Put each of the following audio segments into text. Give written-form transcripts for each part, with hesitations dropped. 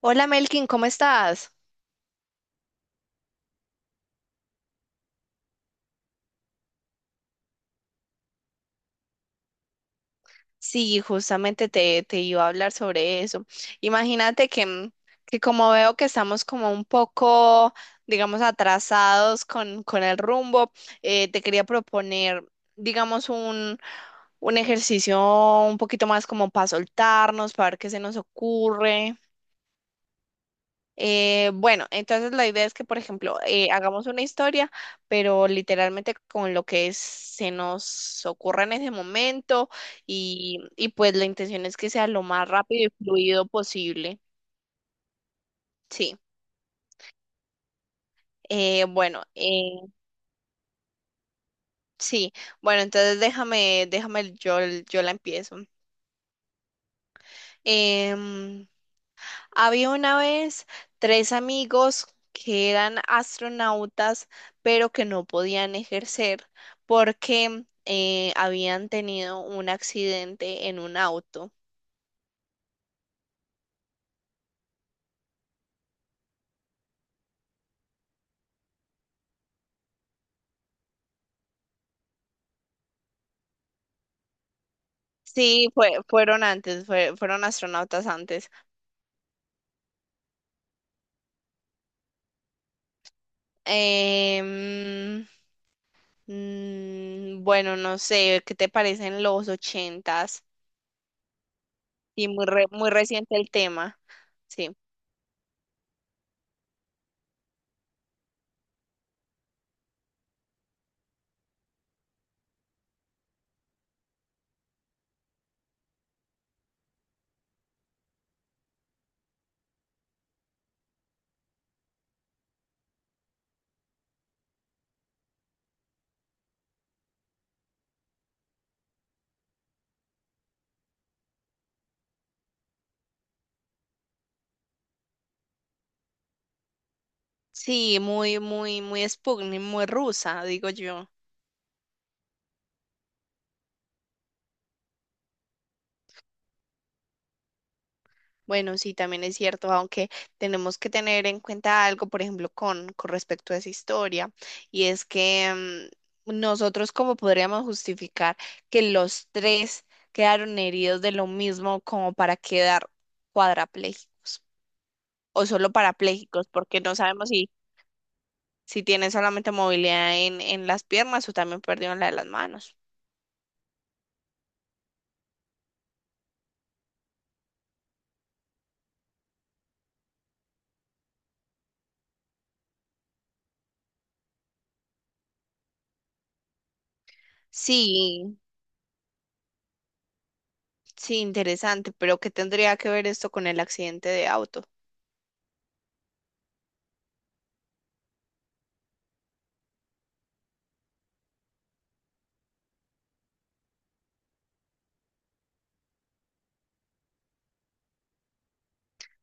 Hola Melkin, ¿cómo estás? Sí, justamente te iba a hablar sobre eso. Imagínate que como veo que estamos como un poco, digamos, atrasados con el rumbo, te quería proponer, digamos, un ejercicio un poquito más como para soltarnos, para ver qué se nos ocurre. Bueno, entonces la idea es que, por ejemplo, hagamos una historia, pero literalmente con lo que se nos ocurra en ese momento y pues la intención es que sea lo más rápido y fluido posible. Sí. Eh, bueno, eh, sí. Bueno, entonces yo la empiezo. Em, Había una vez tres amigos que eran astronautas, pero que no podían ejercer porque habían tenido un accidente en un auto. Sí, fueron antes, fueron astronautas antes. Em, bueno, no sé, ¿qué te parecen los ochentas? Sí, muy, muy reciente el tema, sí. Sí, muy Sputnik, muy rusa, digo yo. Bueno, sí, también es cierto, aunque tenemos que tener en cuenta algo, por ejemplo, con respecto a esa historia, y es que nosotros cómo podríamos justificar que los tres quedaron heridos de lo mismo como para quedar cuadrapléjicos o solo parapléjicos, porque no sabemos si, si tienen solamente movilidad en las piernas o también perdieron la de las manos. Sí, sí, interesante, pero ¿qué tendría que ver esto con el accidente de auto?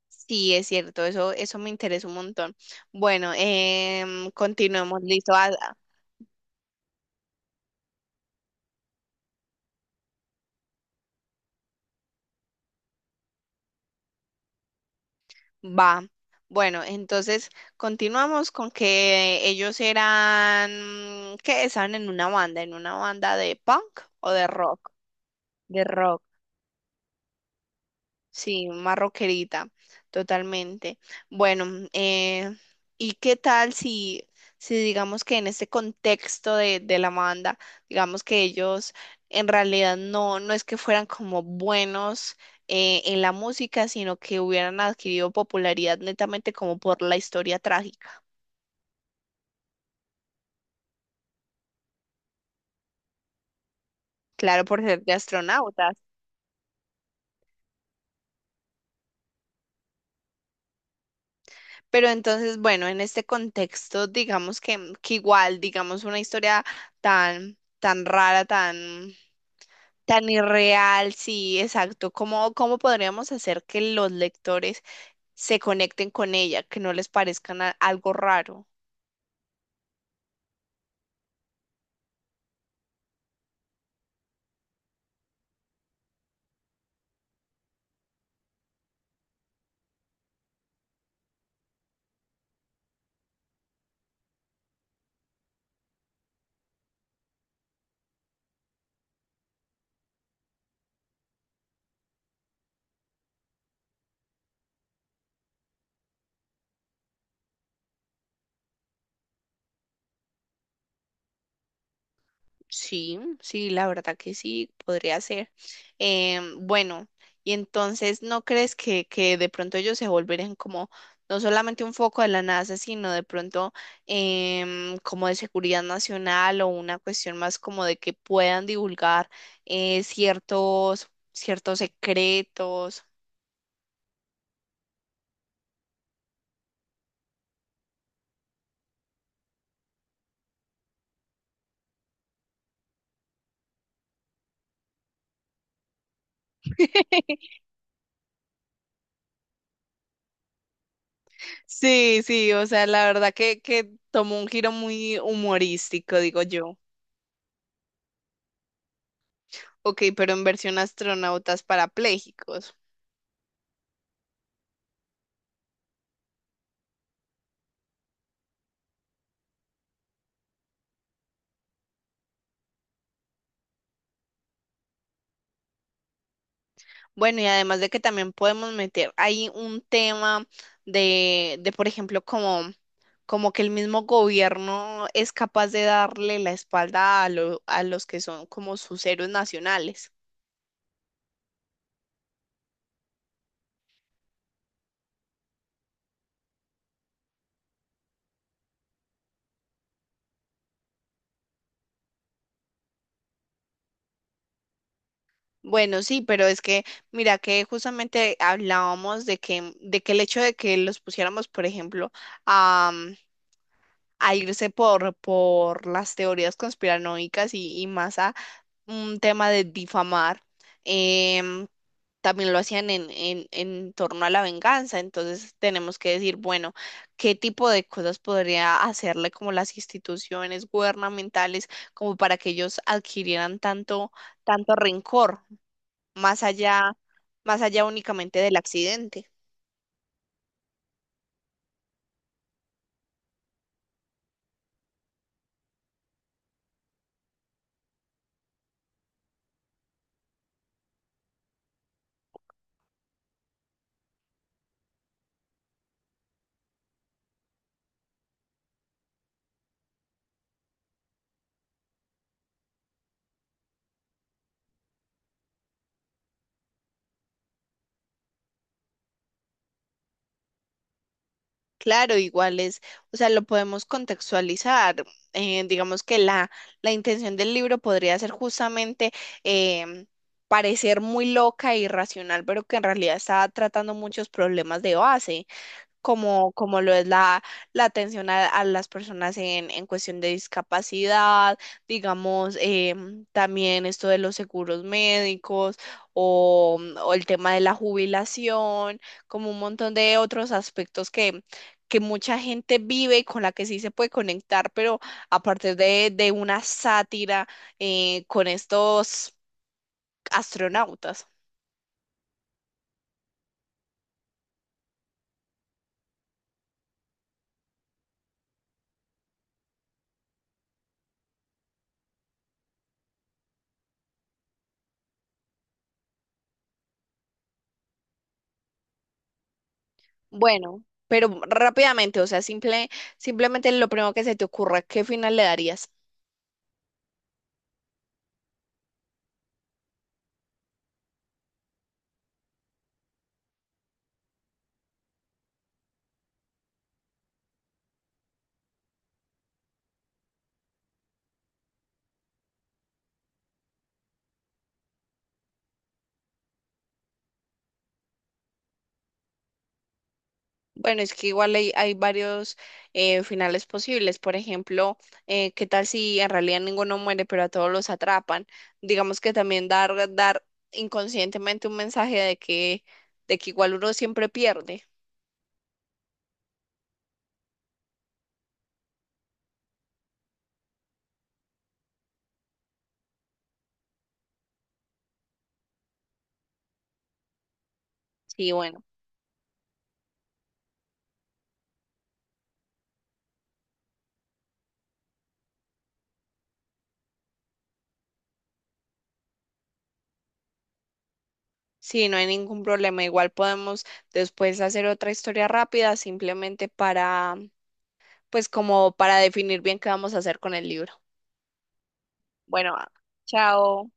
Sí, es cierto, eso me interesa un montón. Bueno, continuemos, listo, va. Bueno, entonces continuamos con que ellos eran, que estaban en una banda de punk o de rock. De rock. Sí, más rockerita, totalmente. Bueno, mm, eh, ¿Y qué tal si, si digamos que en este contexto de la banda, digamos que ellos en realidad no, no es que fueran como buenos en la música, sino que hubieran adquirido popularidad netamente como por la historia trágica? Claro, por ser de astronautas. Pero entonces, bueno, en este contexto, digamos que igual, digamos, una historia tan rara, tan, tan irreal, sí, exacto. ¿Cómo, cómo podríamos hacer que los lectores se conecten con ella, que no les parezca algo raro? Sí, sí, la verdad que sí, podría ser. Bueno, y entonces, ¿no crees que de pronto ellos se volverían como no solamente un foco de la NASA, sino de pronto como de seguridad nacional o una cuestión más como de que puedan divulgar ciertos, ciertos secretos? Sí, sí, o sea, la verdad que tomó un giro muy humorístico, digo yo. Ok, pero en versión astronautas parapléjicos. Bueno, y además de que también podemos meter ahí un tema de por ejemplo, como, como que el mismo gobierno es capaz de darle la espalda a, a los que son como sus héroes nacionales. Bueno, sí, pero es que, mira, que justamente hablábamos de que el hecho de que los pusiéramos, por ejemplo, a, a irse por las teorías conspiranoicas y más a un tema de difamar, em, también lo hacían en torno a la venganza. Entonces tenemos que decir, bueno, qué tipo de cosas podría hacerle como las instituciones gubernamentales como para que ellos adquirieran tanto, tanto rencor, más allá, más allá únicamente del accidente. Claro, igual es, o sea, lo podemos contextualizar. Digamos que la intención del libro podría ser justamente em, parecer muy loca e irracional, pero que en realidad está tratando muchos problemas de base como, como lo es la atención a las personas en cuestión de discapacidad, digamos, también esto de los seguros médicos o el tema de la jubilación, como un montón de otros aspectos que mucha gente vive y con la que sí se puede conectar, pero a partir de una sátira con estos astronautas. Bueno, pero rápidamente, o sea, simple, simplemente lo primero que se te ocurra, ¿qué final le darías? Bueno, es que igual hay, hay varios finales posibles. Por ejemplo, ¿qué tal si en realidad ninguno muere, pero a todos los atrapan? Digamos que también dar inconscientemente un mensaje de que igual uno siempre pierde. Sí, bueno, sí, no hay ningún problema. Igual podemos después hacer otra historia rápida, simplemente para, pues como para definir bien qué vamos a hacer con el libro. Bueno, chao.